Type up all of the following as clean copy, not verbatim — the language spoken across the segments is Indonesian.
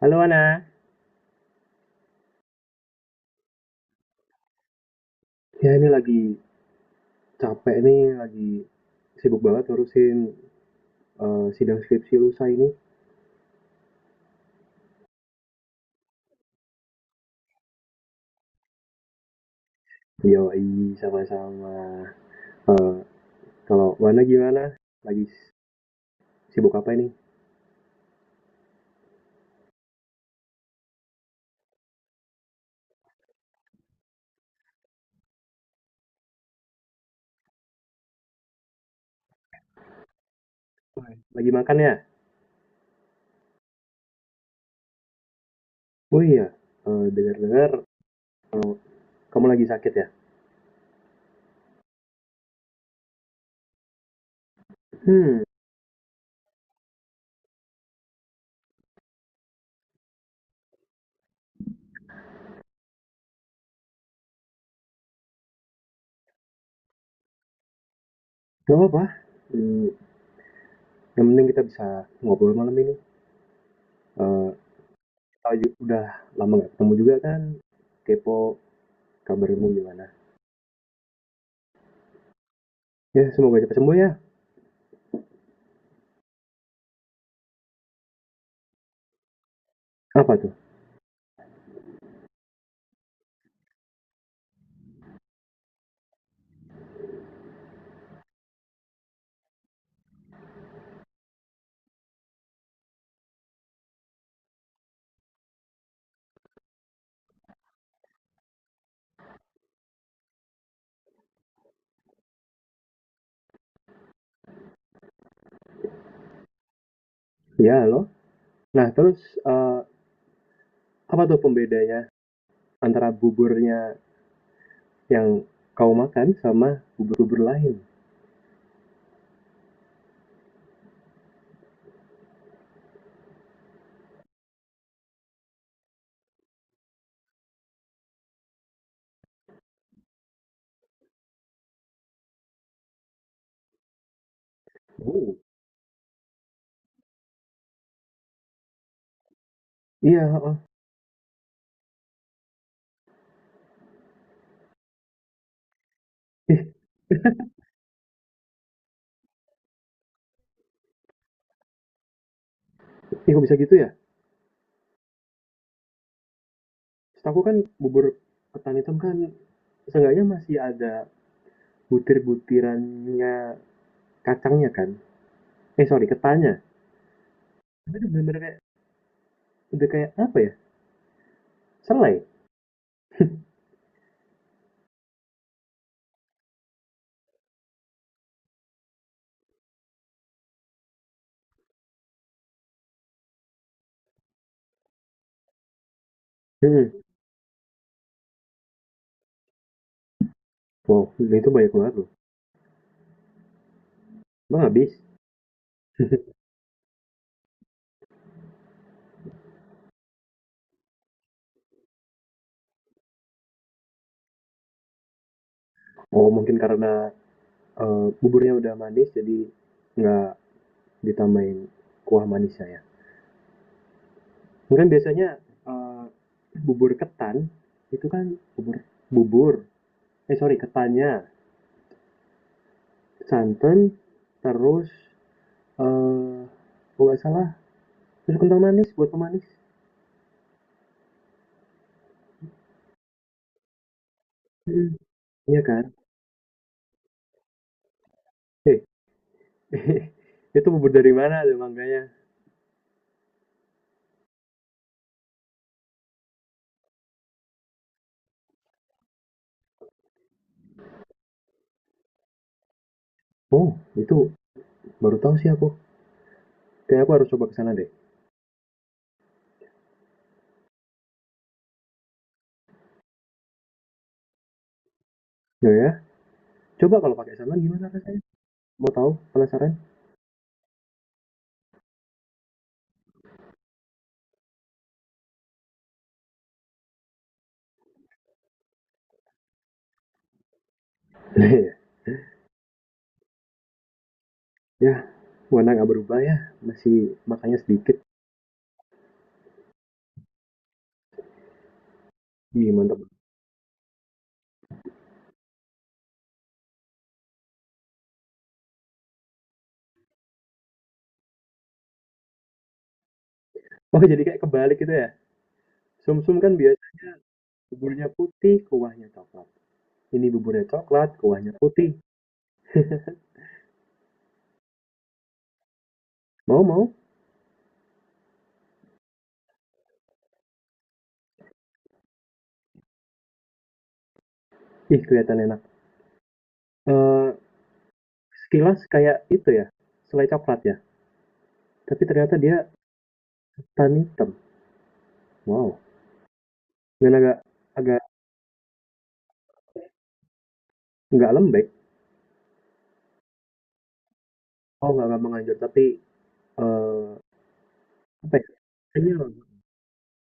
Halo Ana, ya ini lagi capek nih, lagi sibuk banget ngurusin sidang skripsi lusa ini. Yoi, sama-sama. Eh, Kalau Wana gimana? Lagi s- Sibuk apa ini? Lagi makan ya? Oh iya, dengar-dengar eh, kamu lagi sakit ya? Hmm, gak apa-apa. Hmm, yang penting kita bisa ngobrol malam ini. Eh, udah lama gak ketemu juga kan? Kepo kabarmu gimana? Ya, semoga cepat sembuh ya. Apa tuh? Ya, halo? Nah, terus, apa tuh pembedanya antara buburnya yang kau makan sama bubur-bubur lain? Oh. Iya, heeh. Ih ih, kok bisa gitu ya? Setahuku kan bubur ketan hitam kan seenggaknya masih ada butir-butirannya kacangnya kan? Eh, sorry, ketannya. Tapi itu bener-bener kayak udah kayak apa ya, selai. Mhm. Wow, itu banyak banget loh. Emang habis? Oh, mungkin karena, buburnya udah manis jadi nggak ditambahin kuah manisnya ya. Mungkin biasanya bubur ketan itu kan bubur bubur eh sorry ketannya, santan, terus eh kalau nggak salah terus kental manis buat pemanis. Mm, iya kan? Eh itu bubur dari mana tuh mangganya? Oh itu baru tahu sih aku. Kayak aku harus coba ke sana deh. Ya ya. Coba kalau pakai santan gimana rasanya? Mau tahu? Penasaran? Iya. Ya warna nggak berubah ya, masih makanya sedikit, mie mantap. Oh, jadi kayak kebalik gitu ya? Sumsum kan biasanya buburnya putih, kuahnya coklat. Ini buburnya coklat, kuahnya putih. Mau, mau. Ih, kelihatan enak. Eh, sekilas kayak itu ya, selai coklat ya. Tapi ternyata dia tan hitam. Wow. Dan agak agak nggak lembek. Oh, nggak gampang hancur, tapi eh apa ya? Kenyal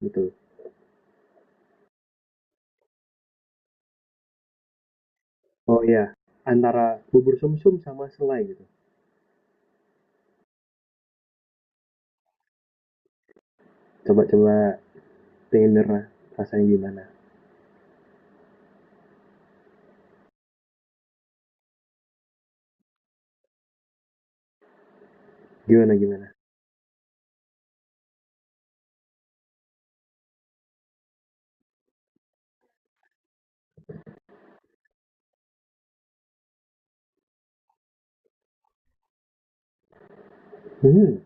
gitu. Oh iya, antara bubur sumsum sama selai gitu. Coba-coba, tenernya rasanya gimana? Gimana gimana? Hmm,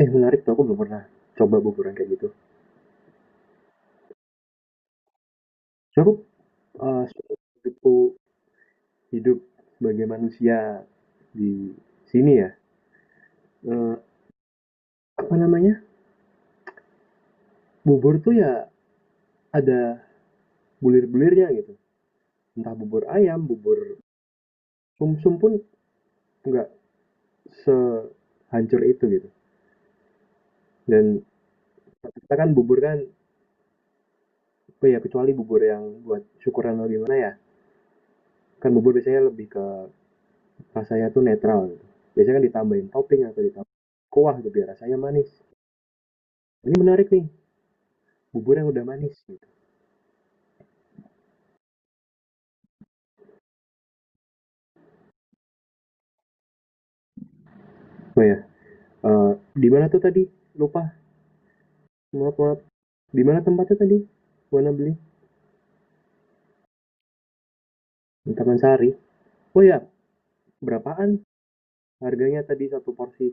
menarik tuh aku belum pernah coba buburan kayak gitu. Cukup eh hidupku hidup sebagai manusia di sini ya. Eh, apa namanya? Bubur tuh ya ada bulir-bulirnya gitu. Entah bubur ayam, bubur sumsum pun nggak sehancur itu gitu. Dan kita kan bubur kan, oh ya kecuali bubur yang buat syukuran atau gimana ya. Kan bubur biasanya lebih ke rasanya tuh netral gitu. Biasanya kan ditambahin topping atau ditambahin kuah gitu biar rasanya manis. Ini menarik nih, bubur yang udah manis. Gitu. Oh ya, di mana tuh tadi? Lupa, maaf maaf. Di mana tempatnya tadi? Mana beli? Di Taman Sari. Oh ya, berapaan harganya tadi satu porsi?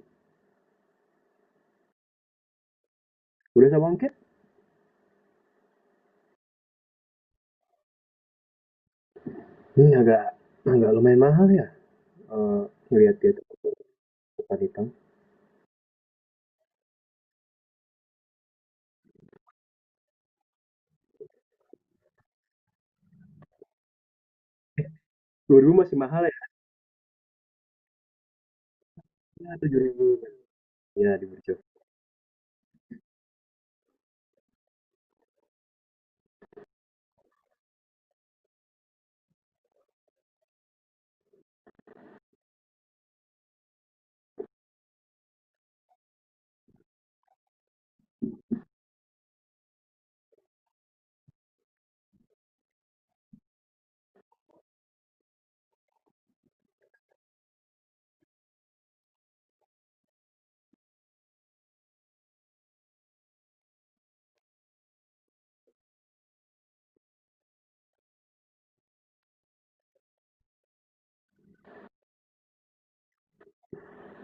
Udah sama ongkir? Ini hmm, agak agak lumayan mahal ya. Eh, ngelihat dia tempat hitam. 2000 masih mahal ya? Ya, 7000. Ya, di Burjo.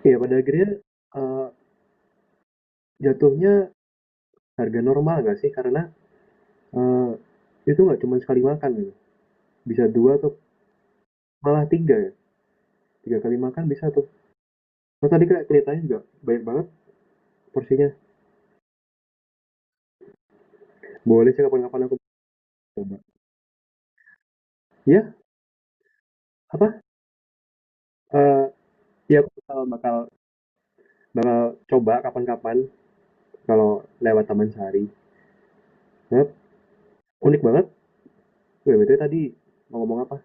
Iya, pada akhirnya eh, jatuhnya harga normal nggak sih? Karena Eee, itu nggak cuma sekali makan gitu, bisa 2 atau malah 3, ya, 3 kali makan bisa tuh. Terus tadi kayak kelihatannya juga banyak banget porsinya. Boleh sih kapan-kapan aku coba. Ya? Apa, eee, iya aku bakal bakal bakal coba kapan-kapan kalau lewat Taman Sari. Banget, unik banget. Wih, BTW tadi mau ngomong apa?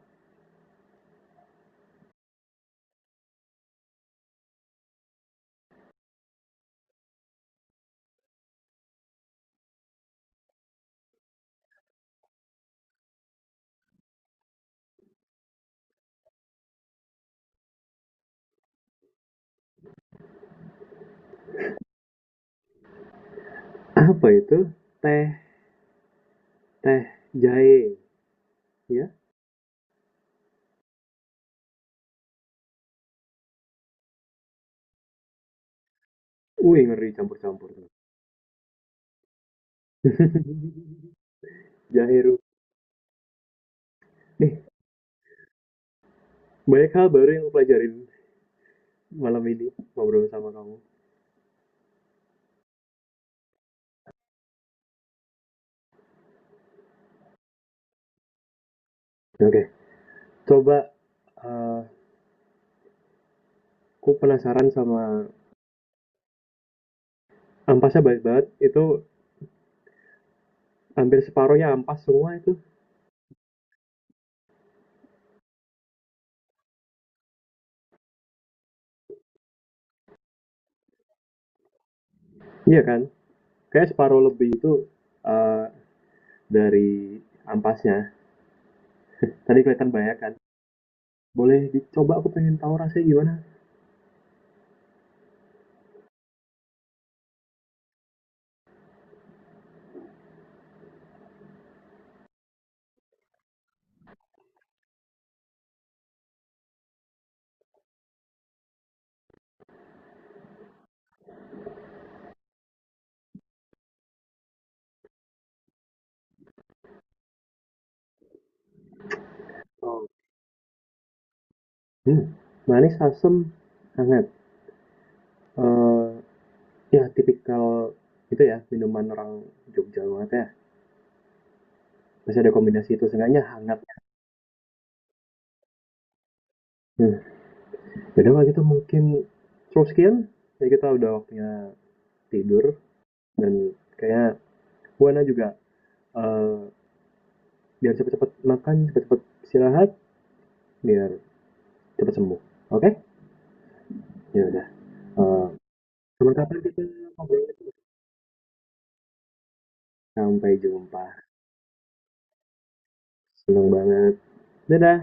Apa itu? Teh teh jahe, ya? Wih, ngeri campur-campur tuh. Jahe ru, eh, banyak hal baru yang aku pelajarin malam ini ngobrol sama kamu. Oke, okay. Coba eh aku penasaran sama ampasnya, baik banget. Itu hampir separuhnya ampas semua itu. Iya kan? Kayak separuh lebih itu eh dari ampasnya. Tadi kelihatan banyak kan. Boleh dicoba aku pengen tahu rasanya gimana. Oh. Hmm, manis, asam, hangat. eh Ya tipikal itu ya minuman orang Jogja banget ya. Masih ada kombinasi itu seenggaknya hangat. Hmm. Jadi kalau gitu mungkin cukup sekian. Jadi kita udah waktunya tidur dan kayaknya Buana juga eh, biar cepet-cepet makan, cepet-cepet istirahat, biar cepet sembuh. Oke? Okay? Ya udah. Eh, kapan-kapan kita ngobrol lagi. Sampai jumpa. Seneng banget. Dadah.